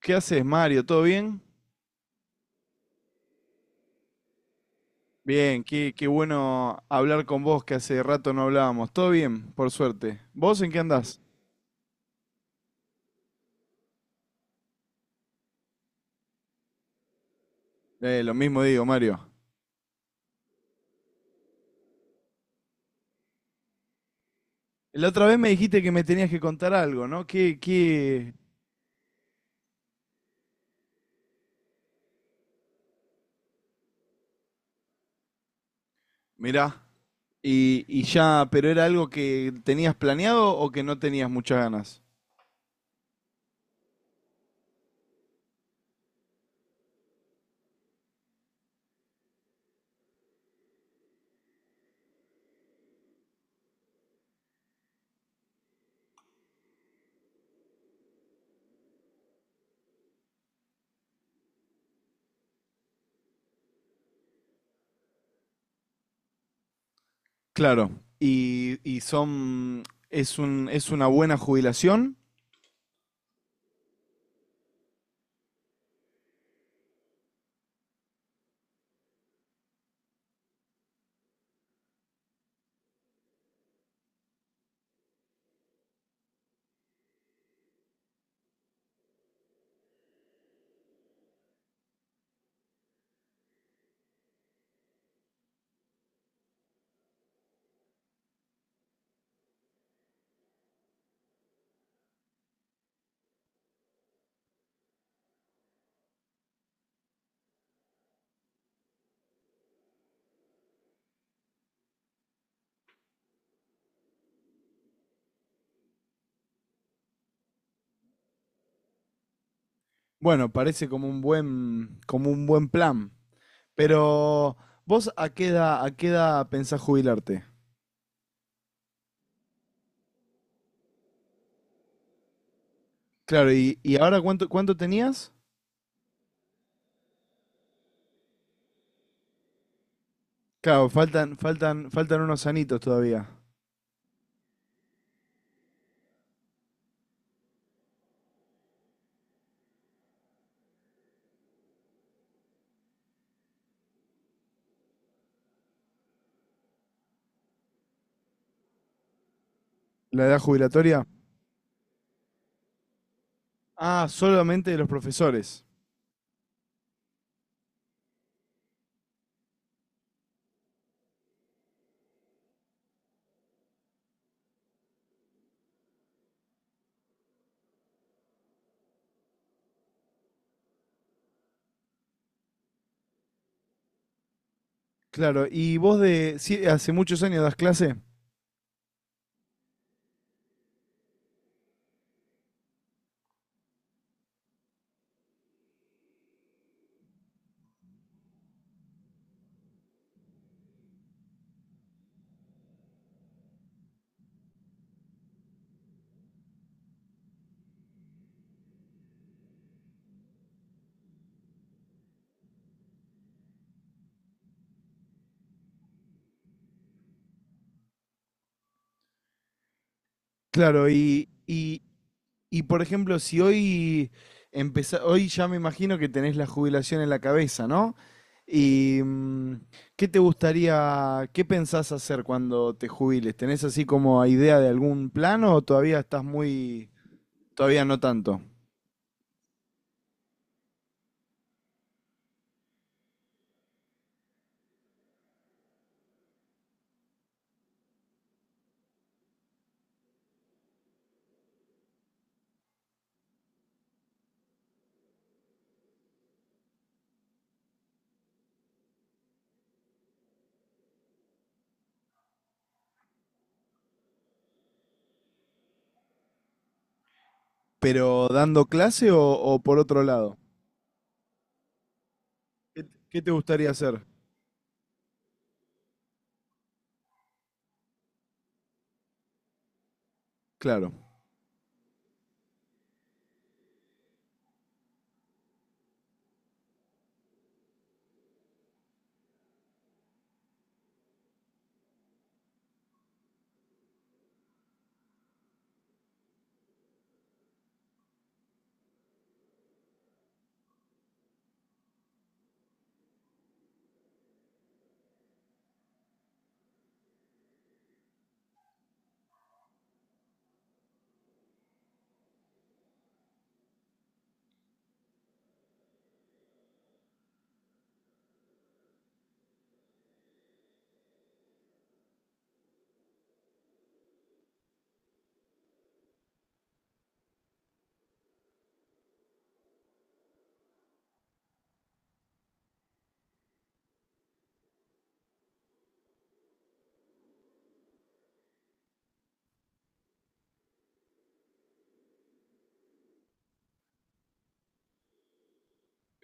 ¿Qué haces, Mario? ¿Todo bien? Bien, qué bueno hablar con vos, que hace rato no hablábamos. ¿Todo bien? Por suerte. ¿Vos en qué andás? Lo mismo digo, Mario. La otra vez me dijiste que me tenías que contar algo, ¿no? ¿Qué, qué? Mirá. Y ya, pero era algo que tenías planeado o que no tenías muchas ganas. Claro. Y es una buena jubilación. Bueno, parece como un buen, plan. Pero, ¿vos a qué edad pensás jubilarte? Claro, ¿y ahora cuánto tenías? Claro, faltan unos anitos todavía. ¿La edad jubilatoria? Ah, solamente de los profesores. Claro, y vos de, sí, hace muchos años das clase. Claro, y por ejemplo, si hoy hoy ya me imagino que tenés la jubilación en la cabeza, ¿no? ¿Y qué te gustaría, qué pensás hacer cuando te jubiles? ¿Tenés así como idea de algún plano o todavía estás muy, todavía no tanto? ¿Pero dando clase o por otro lado? ¿Qué, qué te gustaría hacer? Claro.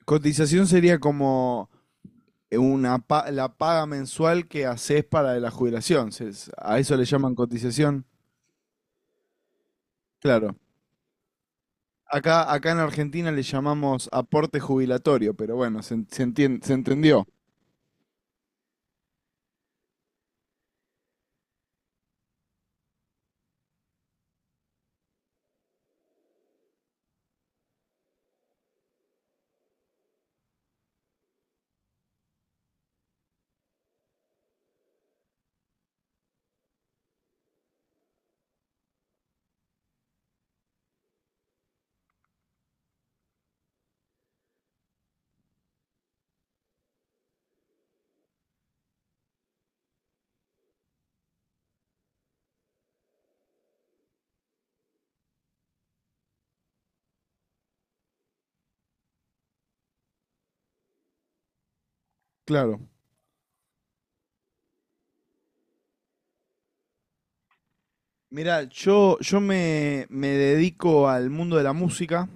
Cotización sería como la paga mensual que haces para la jubilación. A eso le llaman cotización. Claro. Acá en Argentina le llamamos aporte jubilatorio, pero bueno, se, en- se entien- se entendió, claro. Mira, yo me dedico al mundo de la música.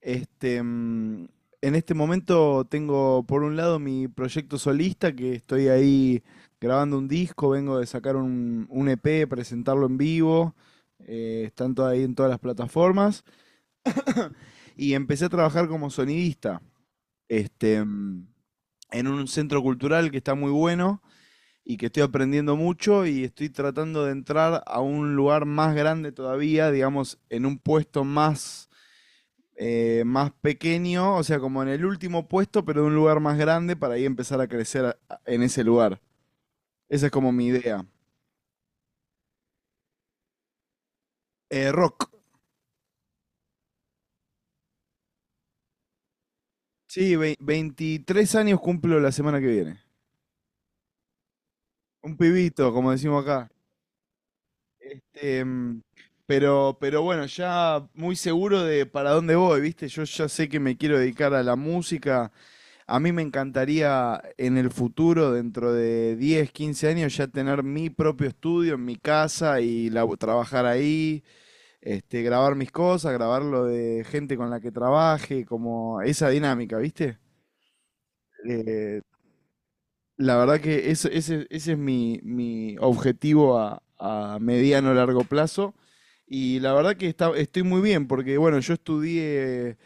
Este, mm, en este momento tengo por un lado mi proyecto solista, que estoy ahí grabando un disco, vengo de sacar un EP, presentarlo en vivo. Están todo ahí en todas las plataformas. Y empecé a trabajar como sonidista, este, mm, en un centro cultural que está muy bueno y que estoy aprendiendo mucho y estoy tratando de entrar a un lugar más grande todavía, digamos, en un puesto más, más pequeño, o sea, como en el último puesto, pero en un lugar más grande para ahí empezar a crecer en ese lugar. Esa es como mi idea. Rock. Sí, 23 años cumplo la semana que viene. Un pibito, como decimos acá. Este, mm, pero bueno, ya muy seguro de para dónde voy, ¿viste? Yo ya sé que me quiero dedicar a la música. A mí me encantaría en el futuro, dentro de 10, 15 años, ya tener mi propio estudio en mi casa y trabajar ahí, grabar mis cosas, grabar lo de gente con la que trabaje, como esa dinámica, ¿viste? Eh, la verdad que ese es mi objetivo a mediano largo plazo. Y la verdad que estoy muy bien, porque bueno,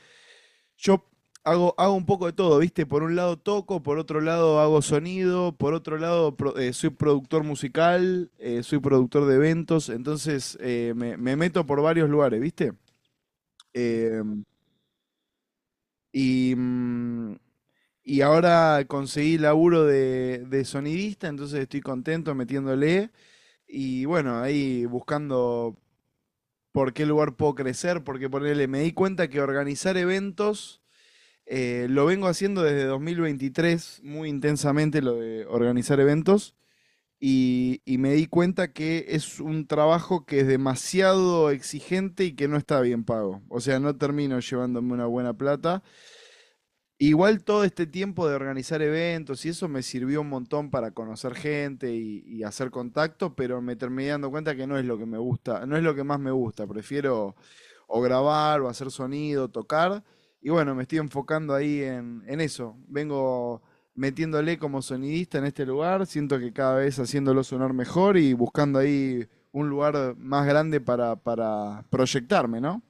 yo hago un poco de todo, ¿viste? Por un lado toco, por otro lado hago sonido, por otro lado soy productor musical, soy productor de eventos, entonces me meto por varios lugares, ¿viste? Eh, y, mm, y ahora conseguí laburo de sonidista, entonces estoy contento metiéndole y bueno, ahí buscando por qué lugar puedo crecer, porque ponele, me di cuenta que organizar eventos. Lo vengo haciendo desde 2023 muy intensamente lo de organizar eventos y me di cuenta que es un trabajo que es demasiado exigente y que no está bien pago. O sea, no termino llevándome una buena plata. Igual todo este tiempo de organizar eventos y eso me sirvió un montón para conocer gente y hacer contacto, pero me terminé dando cuenta que no es lo que me gusta, no es lo que más me gusta. Prefiero o grabar o hacer sonido, tocar. Y bueno, me estoy enfocando ahí en eso. Vengo metiéndole como sonidista en este lugar. Siento que cada vez haciéndolo sonar mejor y buscando ahí un lugar más grande para proyectarme, ¿no?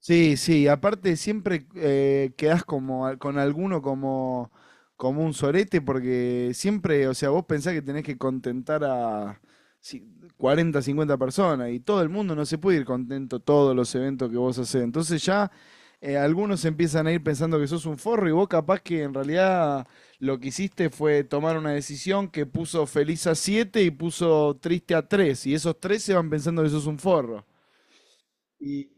Sí, sí, aparte siempre quedás como, con alguno como un sorete, porque siempre, o sea, vos pensás que tenés que contentar a ci- 40, 50 personas y todo el mundo no se puede ir contento a todos los eventos que vos hacés. Entonces ya algunos empiezan a ir pensando que sos un forro y vos capaz que en realidad lo que hiciste fue tomar una decisión que puso feliz a 7 y puso triste a 3 y esos tres se van pensando que sos un forro. ¿Y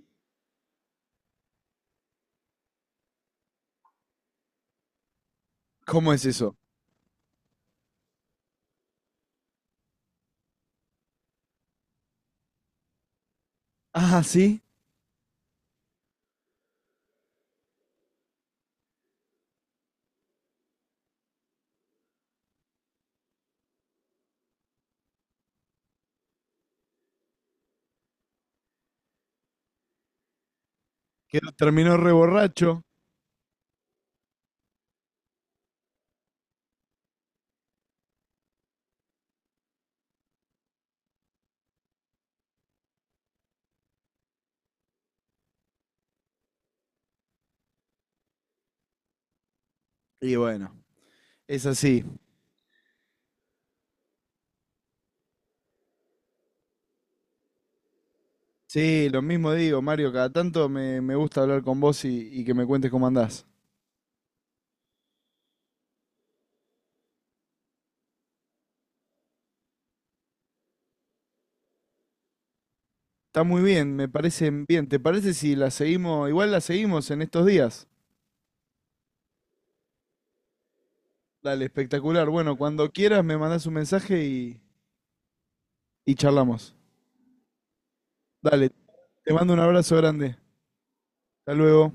cómo es eso? Ah, sí. Que lo terminó reborracho. Y bueno, es así. Sí, lo mismo digo, Mario. Cada tanto me gusta hablar con vos y que me cuentes cómo andás. Está muy bien, me parece bien. ¿Te parece si la seguimos? Igual la seguimos en estos días. Dale, espectacular. Bueno, cuando quieras me mandás un mensaje y charlamos. Dale, te mando un abrazo grande. Hasta luego.